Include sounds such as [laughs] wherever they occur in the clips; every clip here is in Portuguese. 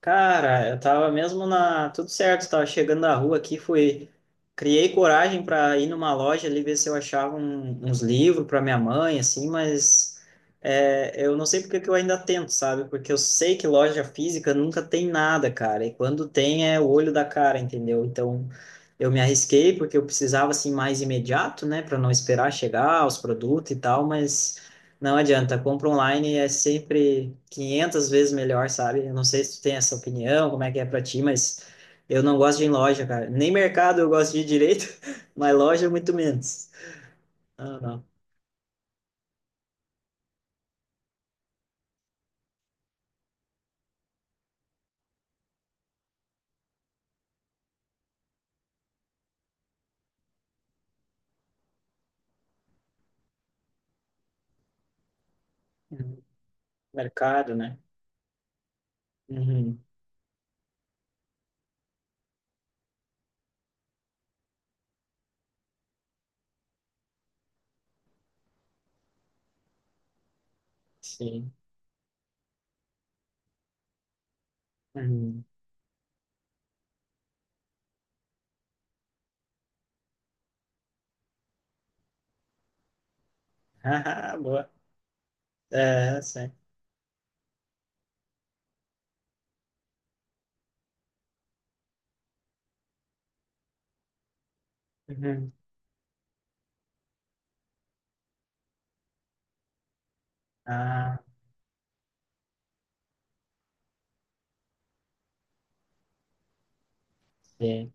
Cara, eu tava mesmo na. tudo certo, tava chegando na rua aqui, fui. Criei coragem para ir numa loja ali ver se eu achava uns livros para minha mãe, assim, mas eu não sei porque que eu ainda tento, sabe? Porque eu sei que loja física nunca tem nada, cara, e quando tem é o olho da cara, entendeu? Então eu me arrisquei porque eu precisava assim mais imediato, né, para não esperar chegar os produtos e tal, mas. Não adianta, compra online é sempre 500 vezes melhor, sabe? Eu não sei se tu tem essa opinião, como é que é pra ti, mas eu não gosto de ir em loja, cara. Nem mercado eu gosto de ir direito, [laughs] mas loja é muito menos. Não, não. Uhum. Mercado, né? Uhum. Sim. Uhum. [laughs] Haha, boa. É, sim. Uhum. Ah, sim.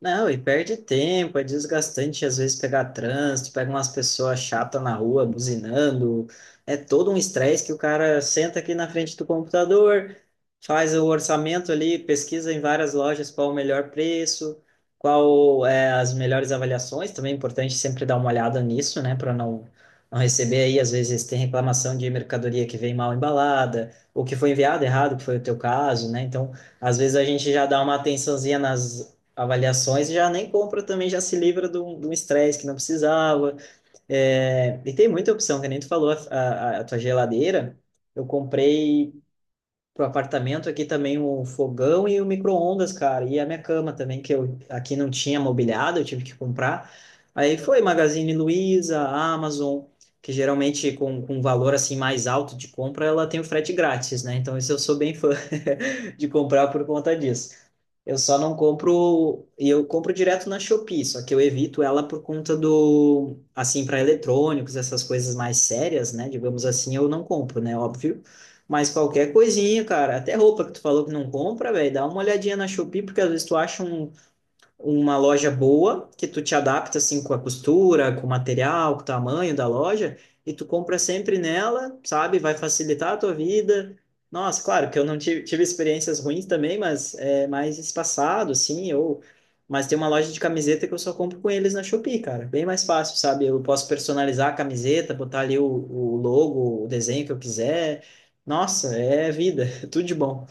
Não, e perde tempo, é desgastante às vezes pegar trânsito, pega umas pessoas chatas na rua buzinando, é todo um estresse que o cara senta aqui na frente do computador, faz o orçamento ali, pesquisa em várias lojas qual o melhor preço, qual é as melhores avaliações, também é importante sempre dar uma olhada nisso, né, para não receber aí às vezes tem reclamação de mercadoria que vem mal embalada, ou que foi enviado errado, que foi o teu caso, né? Então, às vezes a gente já dá uma atençãozinha nas avaliações e já nem compra também, já se livra de um estresse que não precisava. É, e tem muita opção, que nem tu falou, a tua geladeira, eu comprei pro apartamento aqui também o fogão e o micro-ondas, cara, e a minha cama também, que eu aqui não tinha mobiliado, eu tive que comprar. Aí foi Magazine Luiza, Amazon, que geralmente com um valor assim mais alto de compra, ela tem o frete grátis, né? Então isso eu sou bem fã [laughs] de comprar por conta disso. Eu só não compro, e eu compro direto na Shopee, só que eu evito ela por conta do, assim, para eletrônicos, essas coisas mais sérias, né? Digamos assim, eu não compro, né? Óbvio. Mas qualquer coisinha, cara, até roupa que tu falou que não compra, velho, dá uma olhadinha na Shopee, porque às vezes tu acha uma loja boa, que tu te adapta assim com a costura, com o material, com o tamanho da loja, e tu compra sempre nela, sabe? Vai facilitar a tua vida. Nossa, claro que eu não tive, tive experiências ruins também, mas é mais espaçado, assim, ou... Mas tem uma loja de camiseta que eu só compro com eles na Shopee, cara. Bem mais fácil, sabe? Eu posso personalizar a camiseta, botar ali o logo, o desenho que eu quiser. Nossa, é vida, [laughs] tudo de bom.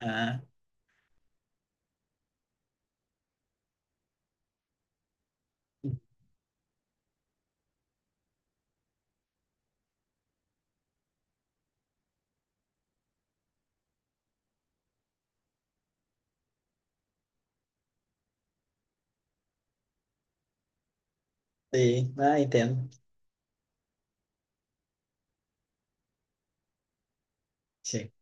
Ah, sim, ah, entendo. Sim.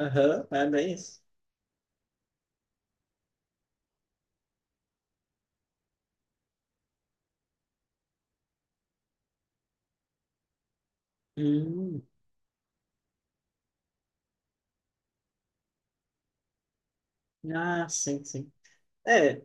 Aham, é bem isso. Hum, ah, sim, sim. É,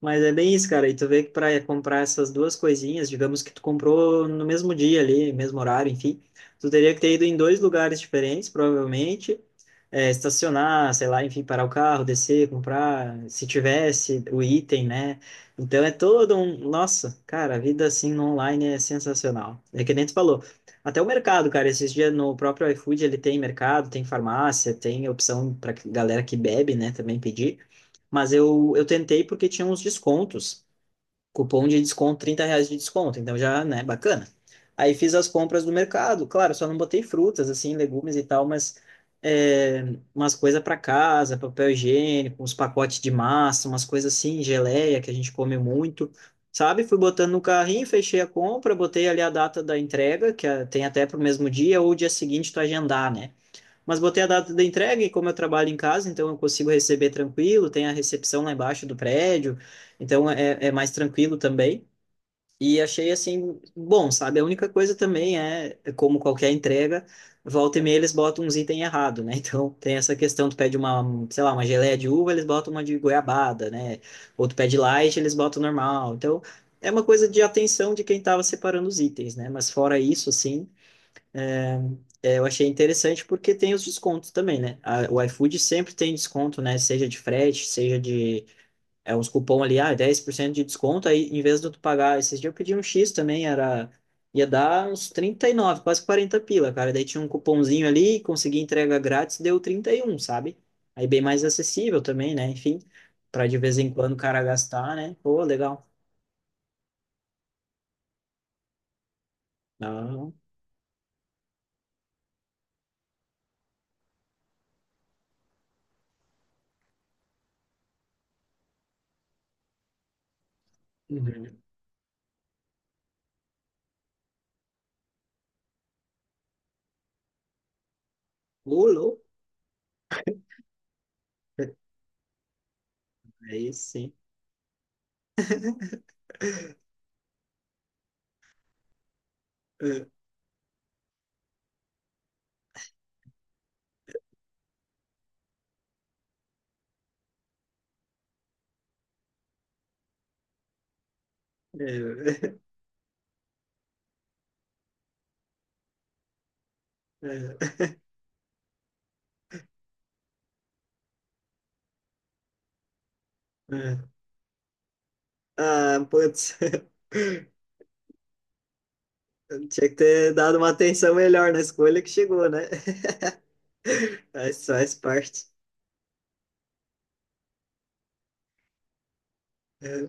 Mas é bem isso, cara. E tu vê que para comprar essas duas coisinhas, digamos que tu comprou no mesmo dia ali, mesmo horário, enfim, tu teria que ter ido em dois lugares diferentes, provavelmente, é, estacionar, sei lá, enfim, parar o carro, descer, comprar, se tivesse o item, né? Então é todo um. Nossa, cara, a vida assim no online é sensacional. É que nem tu falou. Até o mercado, cara, esses dias no próprio iFood ele tem mercado, tem farmácia, tem opção para galera que bebe, né, também pedir. Mas eu tentei porque tinha uns descontos. Cupom de desconto, R$ 30 de desconto. Então já, né, bacana. Aí fiz as compras do mercado. Claro, só não botei frutas, assim, legumes e tal, mas é, umas coisas para casa, papel higiênico, uns pacotes de massa, umas coisas assim, geleia que a gente come muito. Sabe? Fui botando no carrinho, fechei a compra, botei ali a data da entrega, tem até para o mesmo dia ou dia seguinte tu agendar, né? Mas botei a data da entrega e como eu trabalho em casa, então eu consigo receber tranquilo, tem a recepção lá embaixo do prédio, então é, é mais tranquilo também. E achei assim, bom, sabe? A única coisa também é, é como qualquer entrega, volta e meia eles botam uns itens errados, né? [laughs] Então tem essa questão, tu pede uma, sei lá, uma geleia de uva, eles botam uma de goiabada, né? Ou tu pede light, eles botam normal. Então é uma coisa de atenção de quem estava separando os itens, né? Mas fora isso, assim, é, eu achei interessante porque tem os descontos também, né? O iFood sempre tem desconto, né? Seja de frete, seja de uns cupom ali, ah, 10% de desconto, aí em vez de tu pagar, esses dias eu pedi um X também, era ia dar uns 39 quase 40 pila, cara. Daí tinha um cupomzinho ali, consegui entrega grátis, deu 31, sabe? Aí bem mais acessível também, né? Enfim, para de vez em quando o cara gastar, né? Pô, legal. Não. Uhum. Ô, louco. Aí sim. É, é, é, é. Ah, putz. [laughs] Tinha que ter dado uma atenção melhor na escolha que chegou, né? [laughs] Mas faz parte. É.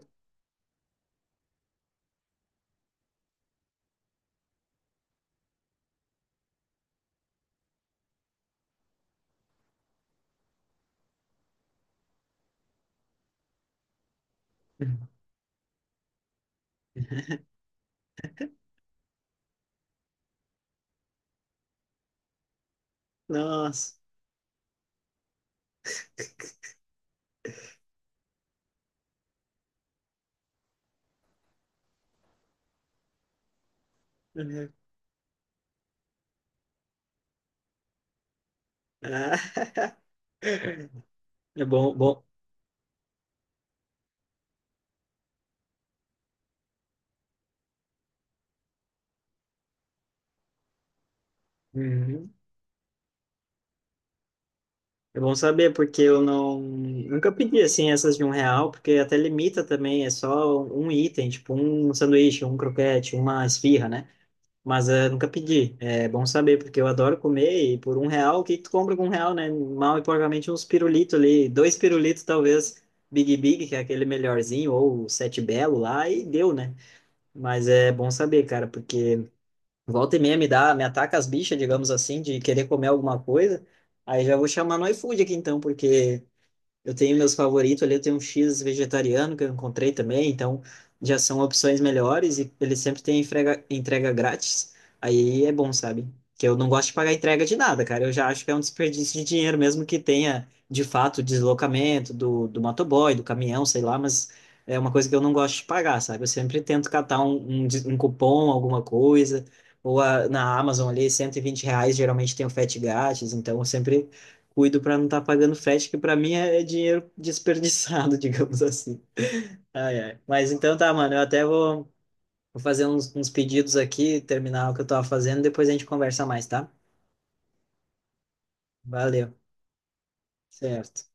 Nossa. Uhum. Ah, [laughs] é bom, bom. Uhum. É bom saber, porque eu não nunca pedi assim essas de R$ 1, porque até limita também, é só um item, tipo um sanduíche, um croquete, uma esfirra, né? Mas nunca pedi. É bom saber, porque eu adoro comer e por R$ 1, o que que tu compra com R$ 1, né? Mal e porcamente uns pirulitos ali, dois pirulitos talvez, Big Big, que é aquele melhorzinho, ou o Sete Belo lá, e deu, né? Mas é bom saber, cara, porque volta e meia me dá, me ataca as bichas, digamos assim, de querer comer alguma coisa. Aí já vou chamar no iFood aqui então, porque eu tenho meus favoritos ali, eu tenho um X vegetariano que eu encontrei também, então já são opções melhores e ele sempre tem entrega, entrega grátis. Aí é bom, sabe? Que eu não gosto de pagar entrega de nada, cara. Eu já acho que é um desperdício de dinheiro, mesmo que tenha, de fato, o deslocamento do motoboy, do caminhão, sei lá, mas é uma coisa que eu não gosto de pagar, sabe? Eu sempre tento catar um cupom, alguma coisa, ou na Amazon ali, R$ 120, geralmente tem o frete grátis, então eu sempre cuido para não estar pagando frete, que para mim é dinheiro desperdiçado, [laughs] digamos assim. Ai, ai. Mas então tá, mano, eu até vou, vou fazer uns pedidos aqui, terminar o que eu tava fazendo, depois a gente conversa mais, tá? Valeu. Certo.